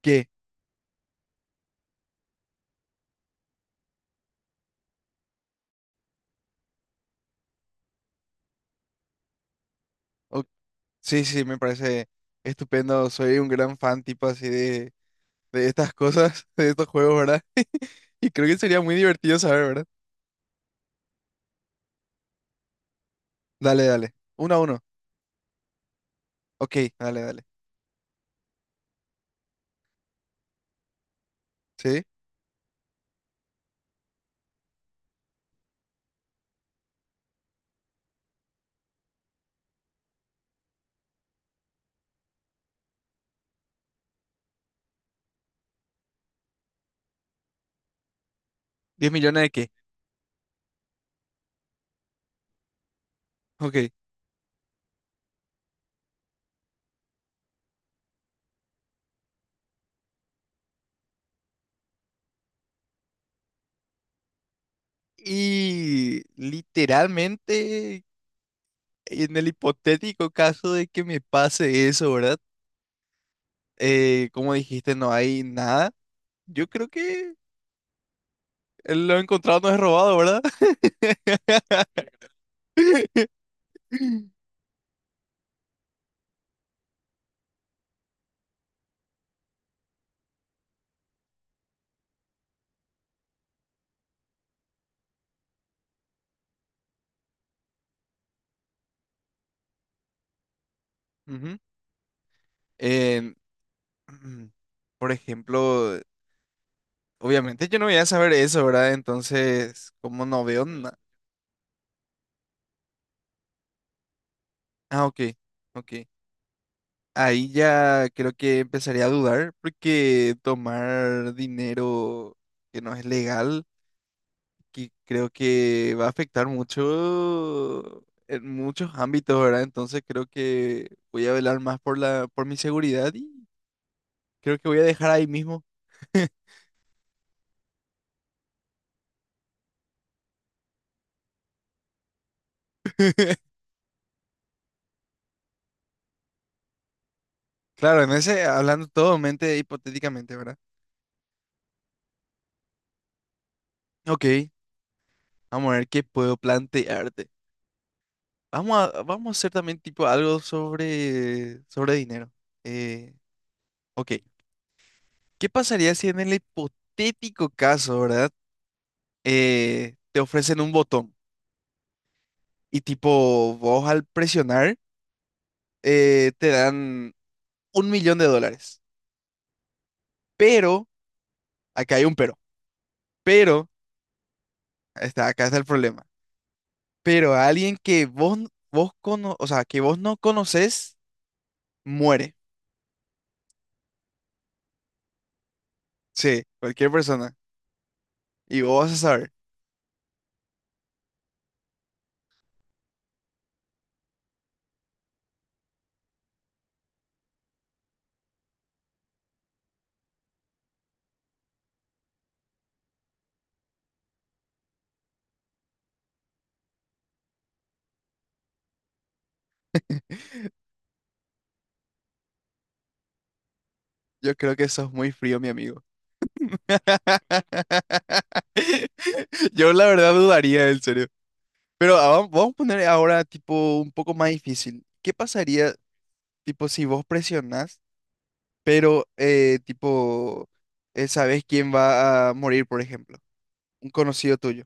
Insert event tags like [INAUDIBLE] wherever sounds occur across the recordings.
¿Qué? O- sí, sí, me parece estupendo. Soy un gran fan, tipo así, de estas cosas, [LAUGHS] de estos juegos, ¿verdad? [LAUGHS] Y creo que sería muy divertido saber, ¿verdad? Dale, dale. Uno a uno. Ok, dale, dale. ¿Sí? ¿10 millones de qué? Ok. Y literalmente, en el hipotético caso de que me pase eso, ¿verdad? Como dijiste, no hay nada. Yo creo que lo encontrado no es robado, ¿verdad? [LAUGHS] Ujú. En- Mm, Por ejemplo, obviamente yo no voy a saber eso, ¿verdad? Entonces, como no veo nada. Ah, ok, ok. Ahí ya creo que empezaría a dudar porque tomar dinero que no es legal, que creo que va a afectar mucho en muchos ámbitos, ¿verdad? Entonces creo que voy a velar más por por mi seguridad y creo que voy a dejar ahí mismo. [LAUGHS] Claro, en ese, hablando todo mente hipotéticamente, ¿verdad? Ok. Vamos a ver qué puedo plantearte. Vamos a hacer también tipo algo sobre dinero. Eh, ok, ¿qué pasaría si en el hipotético caso, ¿verdad? Te ofrecen un botón y tipo vos al presionar te dan $1 millón. Pero, acá hay un pero, está, acá está el problema. Pero a alguien que vos, n- vos cono, o sea, que vos no conoces, muere. Sí, cualquier persona. Y vos vas a saber. [LAUGHS] Yo creo que sos muy frío, mi amigo. [LAUGHS] Yo la verdad dudaría, en serio. Pero vamos a poner ahora tipo un poco más difícil. ¿Qué pasaría, tipo, si vos presionás, pero sabés quién va a morir, por ejemplo? Un conocido tuyo.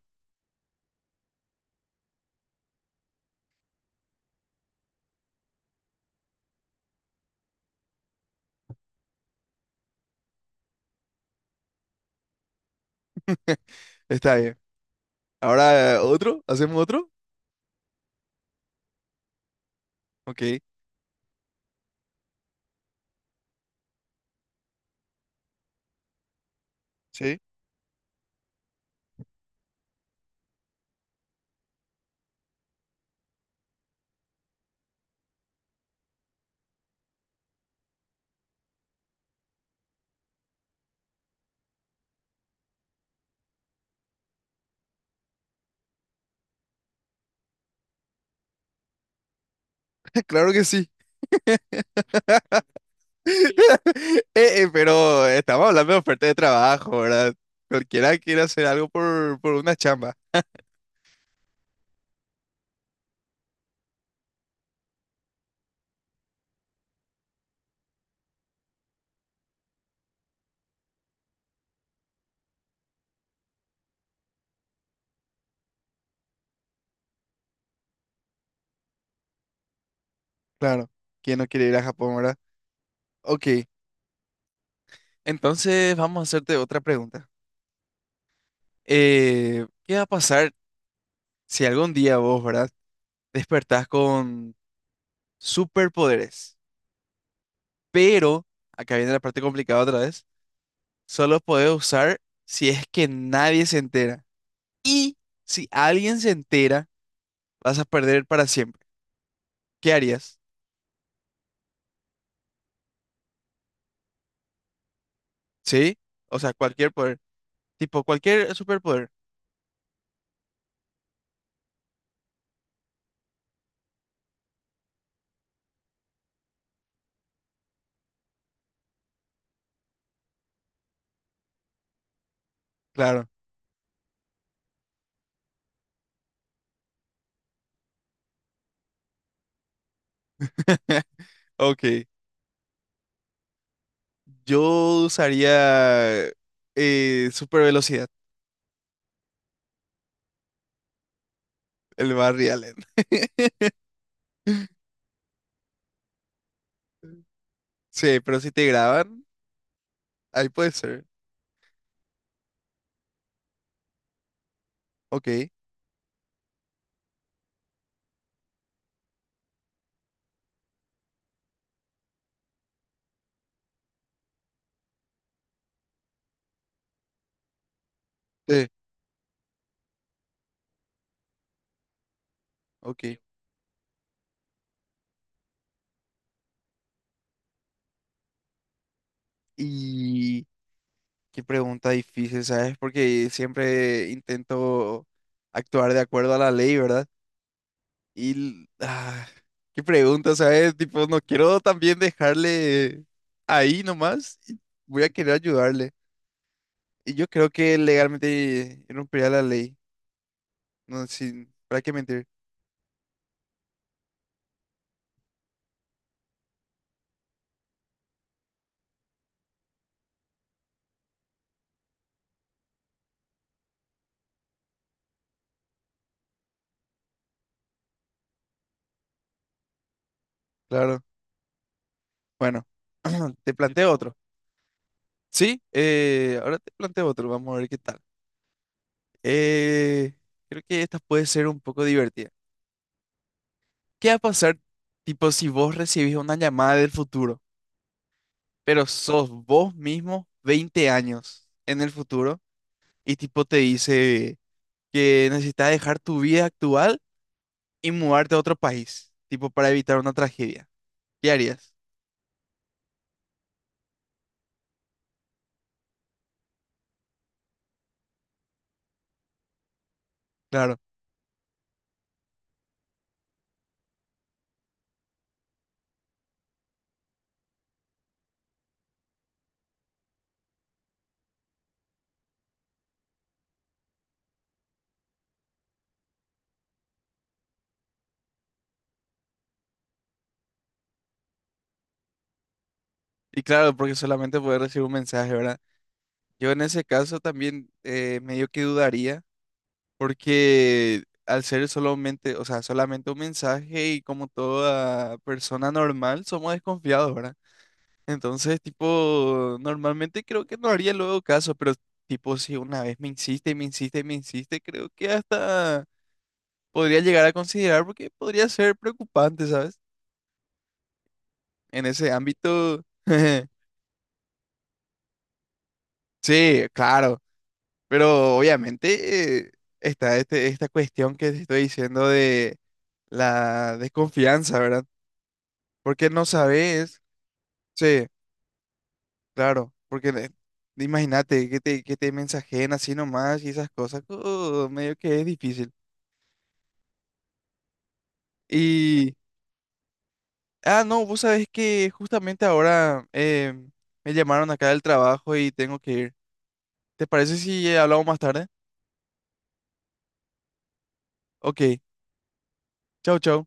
[LAUGHS] Está bien. Ahora, ¿otro? ¿Hacemos otro? Ok. Sí. [LAUGHS] Claro que sí. [LAUGHS] [LAUGHS] Eh, pero estamos hablando de oferta de trabajo, ¿verdad? Cualquiera quiere hacer algo por una chamba. Claro. ¿Quién no quiere ir a Japón, verdad? Ok. Entonces vamos a hacerte otra pregunta. ¿Qué va a pasar si algún día vos, ¿verdad? Despertás con superpoderes. Pero, acá viene la parte complicada otra vez, solo podés usar si es que nadie se entera. Y si alguien se entera, vas a perder para siempre. ¿Qué harías? Sí, o sea, cualquier poder, tipo cualquier superpoder, claro. [LAUGHS] Ok, yo usaría super velocidad, el Barry Allen. [LAUGHS] Sí, pero si te graban, ahí puede ser. Ok, sí, ok. Y qué pregunta difícil, ¿sabes? Porque siempre intento actuar de acuerdo a la ley, ¿verdad? Y, l- ah, qué pregunta, ¿sabes? Tipo, no quiero también dejarle ahí nomás. Voy a querer ayudarle. Y yo creo que legalmente rompería la ley. No, sin, ¿para qué mentir? Claro. Bueno, [CLEARS THROAT] te planteo otro. Sí, ahora te planteo otro. Vamos a ver qué tal. Eh, creo que esta puede ser un poco divertida. ¿Qué va a pasar, tipo, si vos recibís una llamada del futuro, pero sos vos mismo 20 años en el futuro? Y tipo te dice que necesitas dejar tu vida actual y mudarte a otro país, tipo para evitar una tragedia. ¿Qué harías? Claro. Y claro, porque solamente puedes recibir un mensaje, ¿verdad? Yo en ese caso también medio que dudaría, porque al ser solamente, o sea, solamente un mensaje y como toda persona normal, somos desconfiados, ¿verdad? Entonces, tipo, normalmente creo que no haría luego caso, pero tipo, si una vez me insiste, creo que hasta podría llegar a considerar porque podría ser preocupante, ¿sabes? En ese ámbito. [LAUGHS] Sí, claro, pero obviamente está esta cuestión que te estoy diciendo de la desconfianza, ¿verdad? Porque no sabes, sí, claro, imagínate que te mensajen así nomás y esas cosas, medio que es difícil. Y, ah, no, vos sabés que justamente ahora me llamaron acá del trabajo y tengo que ir. ¿Te parece si hablamos más tarde? Ok, chau, chau.